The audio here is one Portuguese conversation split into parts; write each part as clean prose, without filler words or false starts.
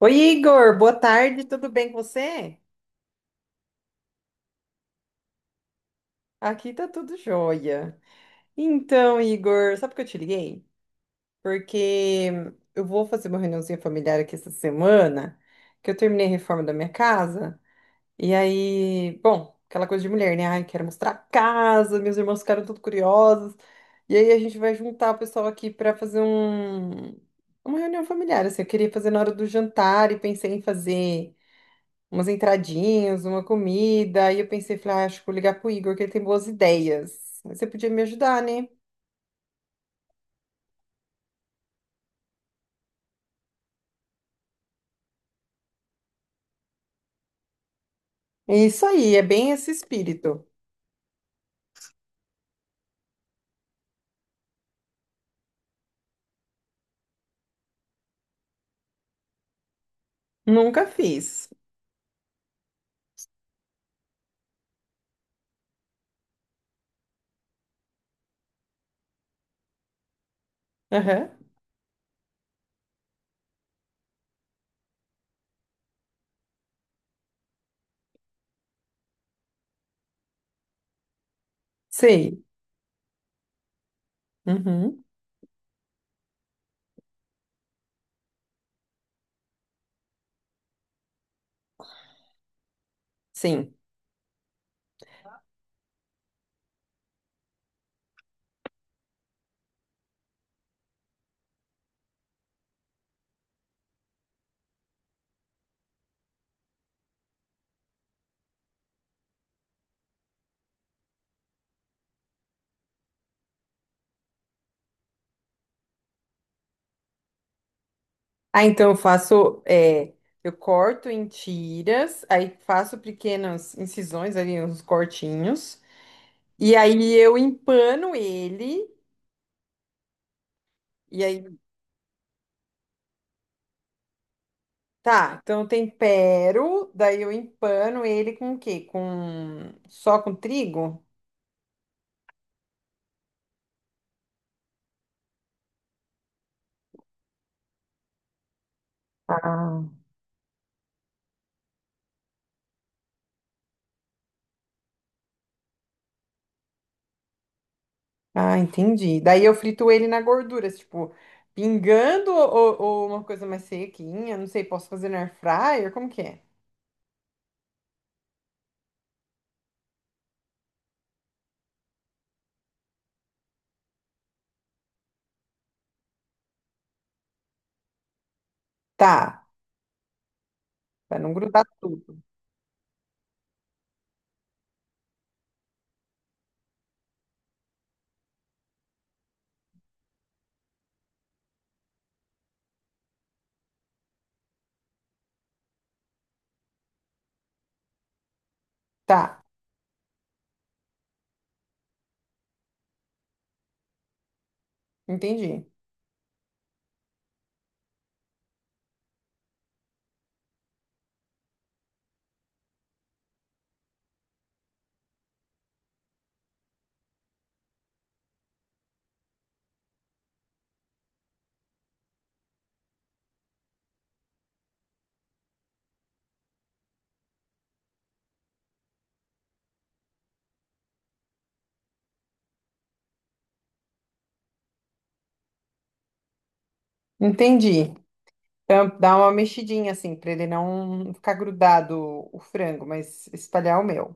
Oi, Igor, boa tarde, tudo bem com você? Aqui tá tudo jóia. Então, Igor, sabe por que eu te liguei? Porque eu vou fazer uma reuniãozinha familiar aqui essa semana, que eu terminei a reforma da minha casa, e aí, bom, aquela coisa de mulher, né? Ai, quero mostrar a casa, meus irmãos ficaram tudo curiosos, e aí a gente vai juntar o pessoal aqui para fazer uma reunião familiar, assim, eu queria fazer na hora do jantar e pensei em fazer umas entradinhas, uma comida. Aí eu pensei, falei, ah, acho que vou ligar pro Igor, que ele tem boas ideias. Você podia me ajudar, né? É isso aí, é bem esse espírito. Nunca fiz. Aham. Sei. Uhum. Sim. Ah, então eu faço, eu corto em tiras, aí faço pequenas incisões ali, uns cortinhos, e aí eu empano ele, e tá, então eu tempero, daí eu empano ele com o quê? Só com trigo? Ah, ah, entendi. Daí eu frito ele na gordura, tipo, pingando ou uma coisa mais sequinha, não sei, posso fazer na air fryer, como que é? Tá, pra não grudar tudo. Tá, entendi. Entendi. Então, dá uma mexidinha assim, pra ele não ficar grudado o frango, mas espalhar o meu.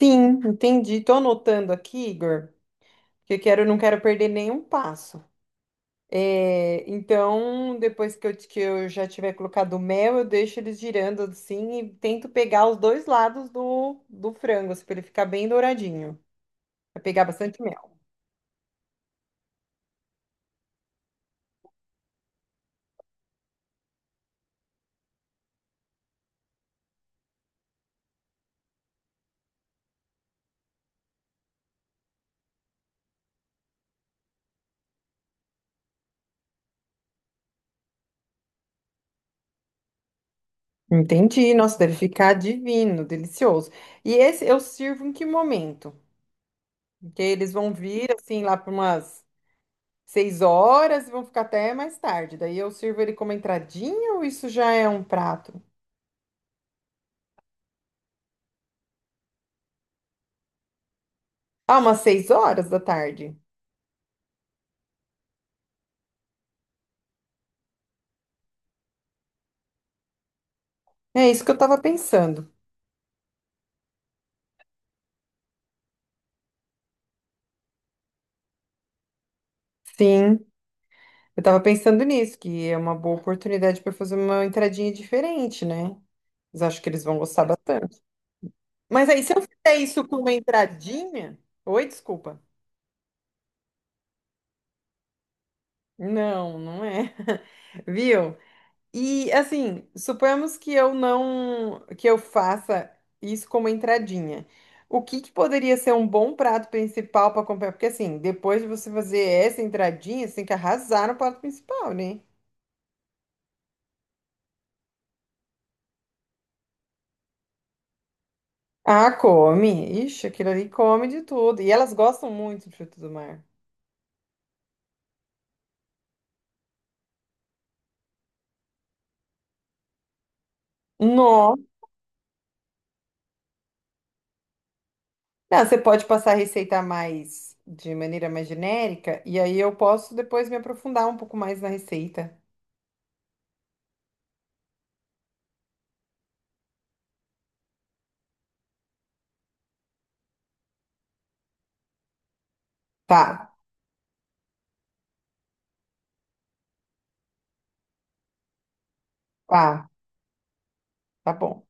Sim, entendi. Tô anotando aqui, Igor, que eu quero, não quero perder nenhum passo. É, então, depois que eu já tiver colocado o mel, eu deixo eles girando assim e tento pegar os dois lados do frango, assim, para ele ficar bem douradinho. Vai pegar bastante mel. Entendi. Nossa, deve ficar divino, delicioso. E esse eu sirvo em que momento? Porque eles vão vir assim lá para umas 6 horas e vão ficar até mais tarde. Daí eu sirvo ele como entradinha ou isso já é um prato? Ah, umas 6 horas da tarde. É isso que eu tava pensando. Sim, eu tava pensando nisso, que é uma boa oportunidade para fazer uma entradinha diferente, né? Mas acho que eles vão gostar bastante. Mas aí, se eu fizer isso como entradinha. Oi, desculpa. Não, não é. Viu? E assim, suponhamos que eu não, que eu faça isso como entradinha. O que que poderia ser um bom prato principal para acompanhar? Porque assim, depois de você fazer essa entradinha, você tem que arrasar no prato principal, né? Ah, come. Ixi, aquilo ali come de tudo. E elas gostam muito de frutos do mar. Nossa. Não, você pode passar a receita mais de maneira mais genérica, e aí eu posso depois me aprofundar um pouco mais na receita. Tá, tá, tá bom.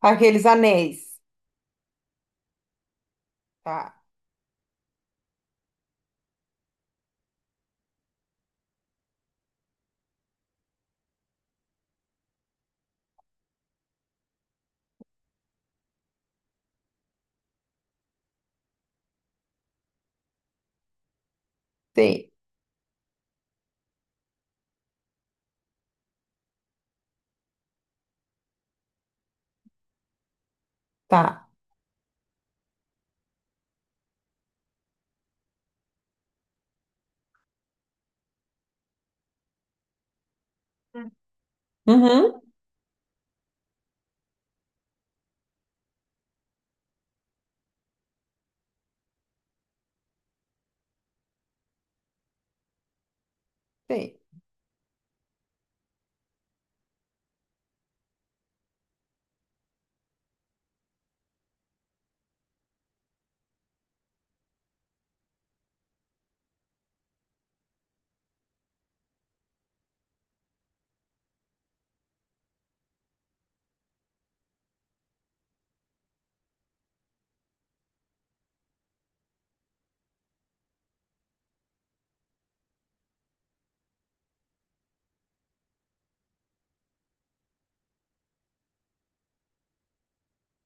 Aqueles anéis. Tá, sei, tá. Uhum, sei.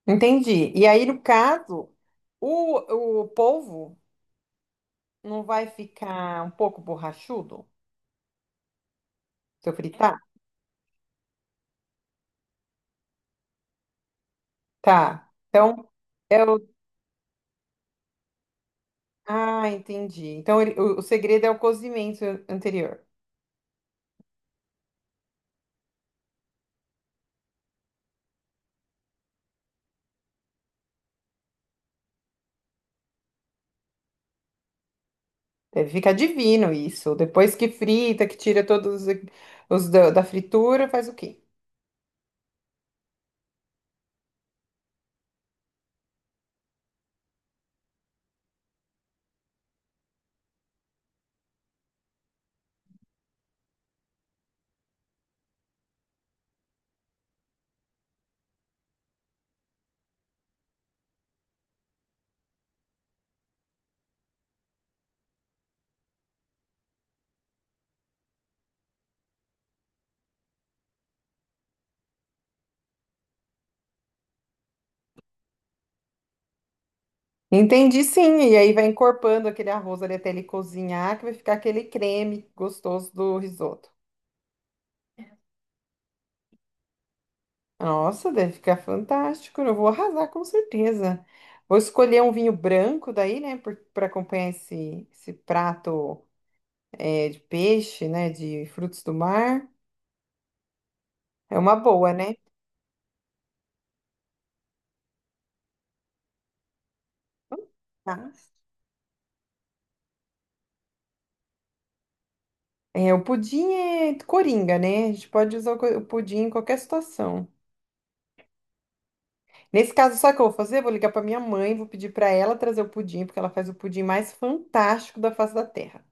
Entendi. E aí, no caso, o polvo não vai ficar um pouco borrachudo se eu fritar? Tá. Então, é o. Ah, entendi. Então, ele- o segredo é o cozimento anterior. Deve ficar divino isso. Depois que frita, que tira todos os da fritura, faz o quê? Entendi, sim. E aí vai encorpando aquele arroz ali até ele cozinhar, que vai ficar aquele creme gostoso do risoto. Nossa, deve ficar fantástico. Eu vou arrasar com certeza. Vou escolher um vinho branco daí, né, para acompanhar esse prato é, de peixe, né, de frutos do mar. É uma boa, né? Tá? É, o pudim é coringa, né? A gente pode usar o co- o pudim em qualquer situação. Nesse caso, sabe o que eu vou fazer? Vou ligar para minha mãe, vou pedir para ela trazer o pudim, porque ela faz o pudim mais fantástico da face da terra.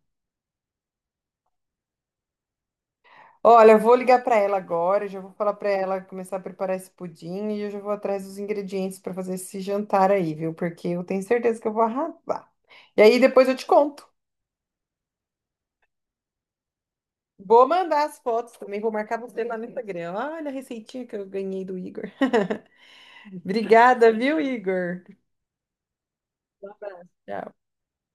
Olha, eu vou ligar para ela agora, já vou falar para ela começar a preparar esse pudim e eu já vou atrás dos ingredientes para fazer esse jantar aí, viu? Porque eu tenho certeza que eu vou arrasar. E aí depois eu te conto. Vou mandar as fotos também, vou marcar você lá no Instagram. Olha a receitinha que eu ganhei do Igor. Obrigada, viu, Igor? Um abraço. Tchau.